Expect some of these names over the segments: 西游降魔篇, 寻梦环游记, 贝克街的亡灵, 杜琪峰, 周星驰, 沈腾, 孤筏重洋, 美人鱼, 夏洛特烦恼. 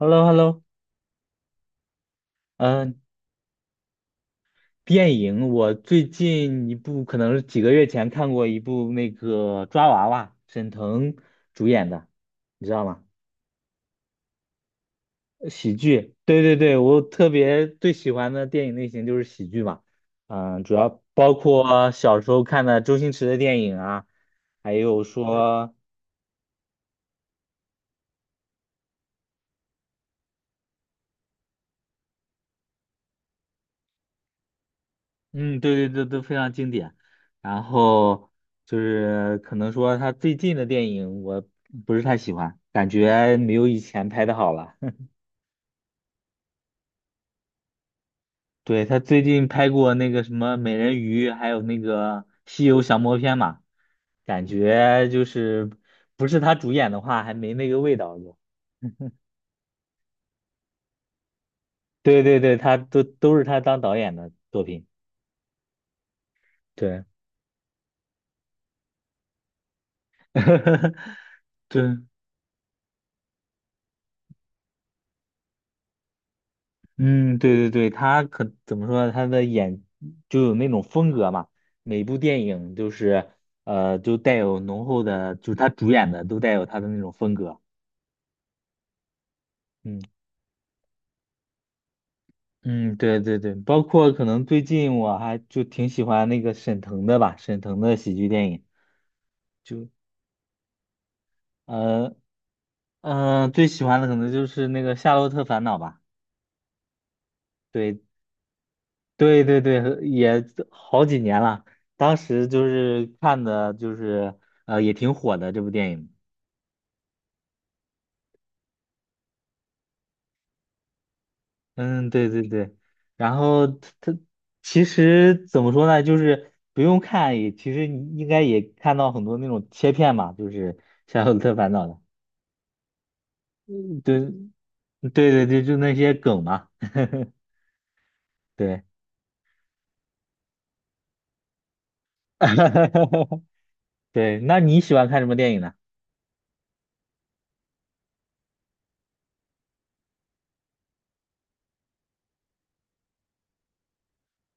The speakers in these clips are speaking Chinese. Hello,Hello,嗯，电影我最近一部可能是几个月前看过一部那个抓娃娃，沈腾主演的，你知道吗？喜剧，对对对，我特别最喜欢的电影类型就是喜剧嘛。主要包括小时候看的周星驰的电影啊，还有说嗯，对对对，都非常经典。然后就是可能说他最近的电影我不是太喜欢，感觉没有以前拍的好了。对，他最近拍过那个什么美人鱼，还有那个西游降魔篇嘛，感觉就是不是他主演的话，还没那个味道就 对对对，他都是他当导演的作品。对，对，嗯，对对对，他可怎么说呢？他的演就有那种风格嘛，每部电影就是就带有浓厚的，就是他主演的都带有他的那种风格。嗯嗯，对对对，包括可能最近我还就挺喜欢那个沈腾的吧，沈腾的喜剧电影，就呃最喜欢的可能就是那个《夏洛特烦恼》吧。对，对对对，也好几年了。当时就是看的，就是也挺火的这部电影。嗯，对对对。然后它其实怎么说呢，就是不用看也，其实你应该也看到很多那种切片嘛，就是《夏洛特烦恼》的。嗯对对对对，就那些梗嘛。对，对。那你喜欢看什么电影呢？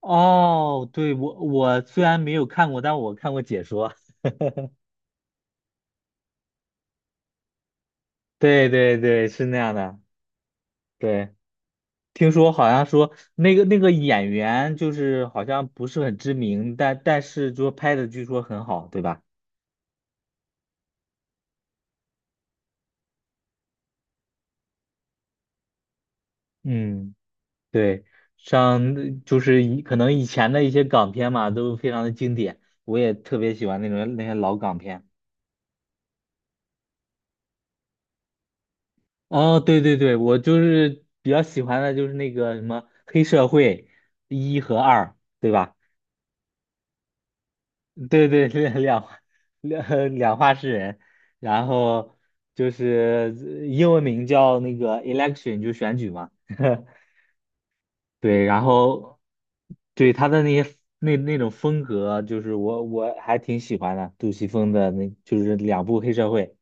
哦，对，我虽然没有看过，但我看过解说。对对对，是那样的。对，听说好像说那个演员就是好像不是很知名，但是就拍的据说很好，对吧？嗯，对，像就是可能以前的一些港片嘛，都非常的经典，我也特别喜欢那些老港片。哦，对对对，我就是比较喜欢的就是那个什么黑社会一和二，对吧？对对，两话诗人，然后就是英文名叫那个 election，就选举嘛。对，然后对他的那些那种风格，就是我还挺喜欢的，杜琪峰的那就是两部黑社会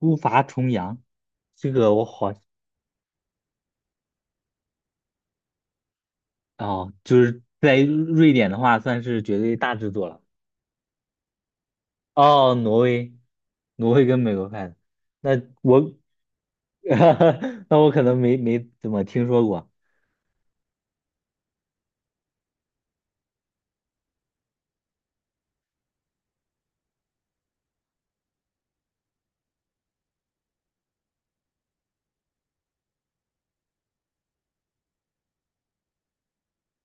《孤筏重洋》，这个我好哦，就是在瑞典的话算是绝对大制作了。哦，挪威，挪威跟美国看的，那我，那我可能没怎么听说过。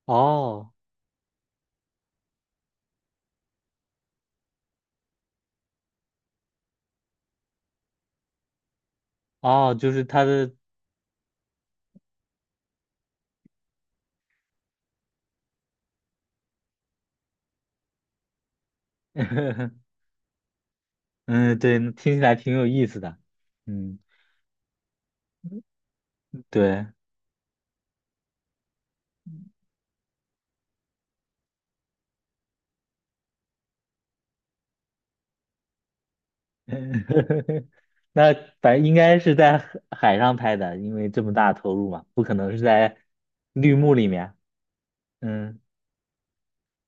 哦哦，就是他的，嗯，对，听起来挺有意思的。嗯，对，那反正应该是在海上拍的，因为这么大投入嘛，不可能是在绿幕里面。嗯，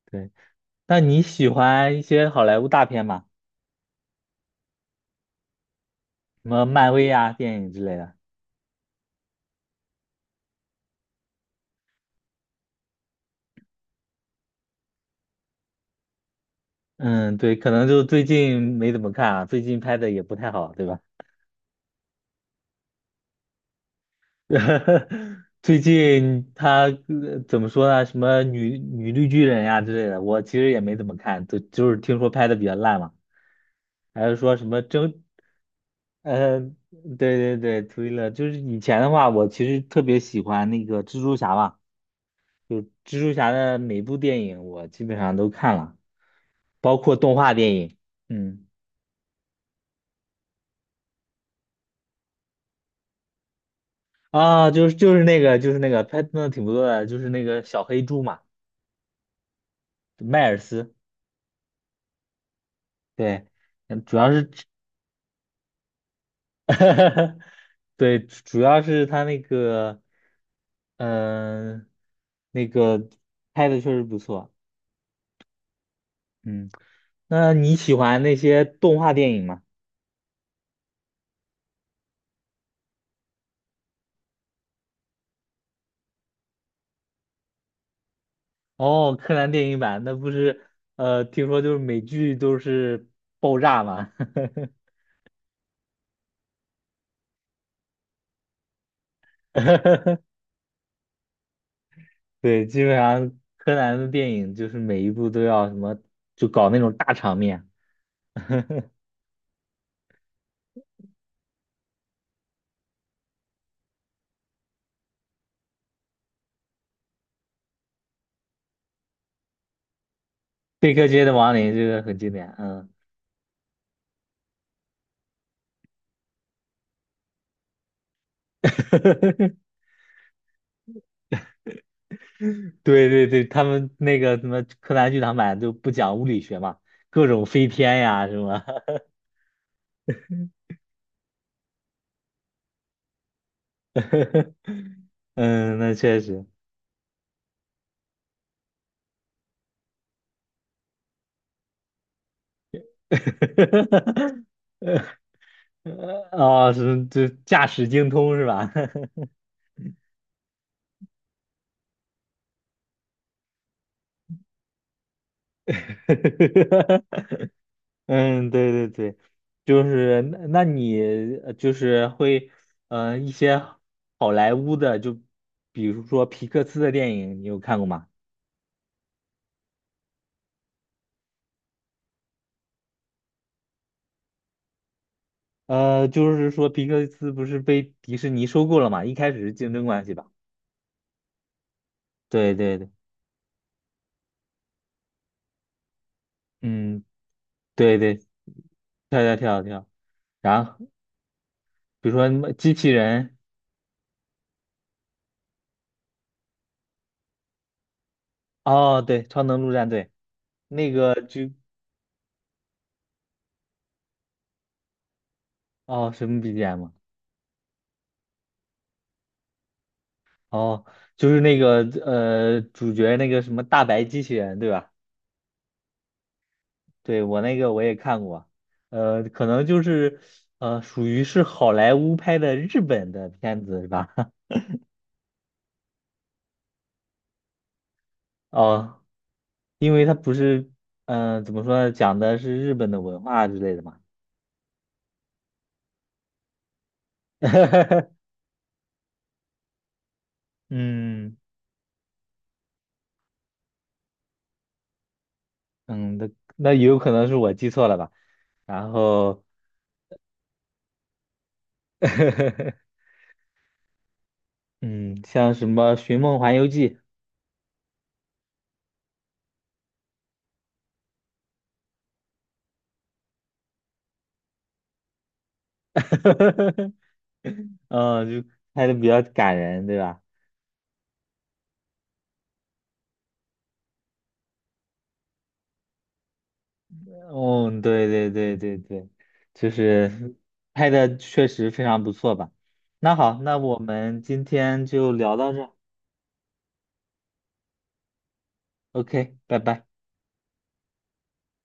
对。那你喜欢一些好莱坞大片吗？什么漫威啊，电影之类的？嗯，对，可能就最近没怎么看啊，最近拍的也不太好，对吧？最近他怎么说呢？什么女绿巨人呀之类的，我其实也没怎么看，就是听说拍的比较烂嘛。还是说什么争，对对对，推了。就是以前的话，我其实特别喜欢那个蜘蛛侠嘛，就蜘蛛侠的每部电影我基本上都看了，包括动画电影。嗯。啊，就是那个拍的挺不错的，就是那个小黑猪嘛，迈尔斯，对，嗯主要是，对，主要是他那个，嗯、那个拍的确实不错，嗯，那你喜欢那些动画电影吗？哦，柯南电影版，那不是，听说就是美剧都是爆炸嘛。对，基本上柯南的电影就是每一部都要什么，就搞那种大场面。贝克街的亡灵这个很经典，嗯，对对对，他们那个什么柯南剧场版就不讲物理学嘛，各种飞天呀什么，嗯，那确实，哦，是就驾驶精通是吧？嗯，对对对，就是那那你就是会，一些好莱坞的，就比如说皮克斯的电影，你有看过吗？就是说皮克斯不是被迪士尼收购了嘛，一开始是竞争关系吧？对对对，嗯，对对，跳跳跳跳，然后比如说什么机器人，哦，对，超能陆战队那个就哦什么 BGM 啊哦，就是那个主角那个什么大白机器人对吧？对，我那个我也看过，可能就是属于是好莱坞拍的日本的片子是吧？哦，因为它不是，嗯、怎么说呢，讲的是日本的文化之类的嘛。嗯嗯，那也有可能是我记错了吧？然后，嗯，像什么《寻梦环游记》嗯，就拍的比较感人，对吧？哦，对对对对对，就是拍的确实非常不错吧。那好，那我们今天就聊到这 o k 拜拜。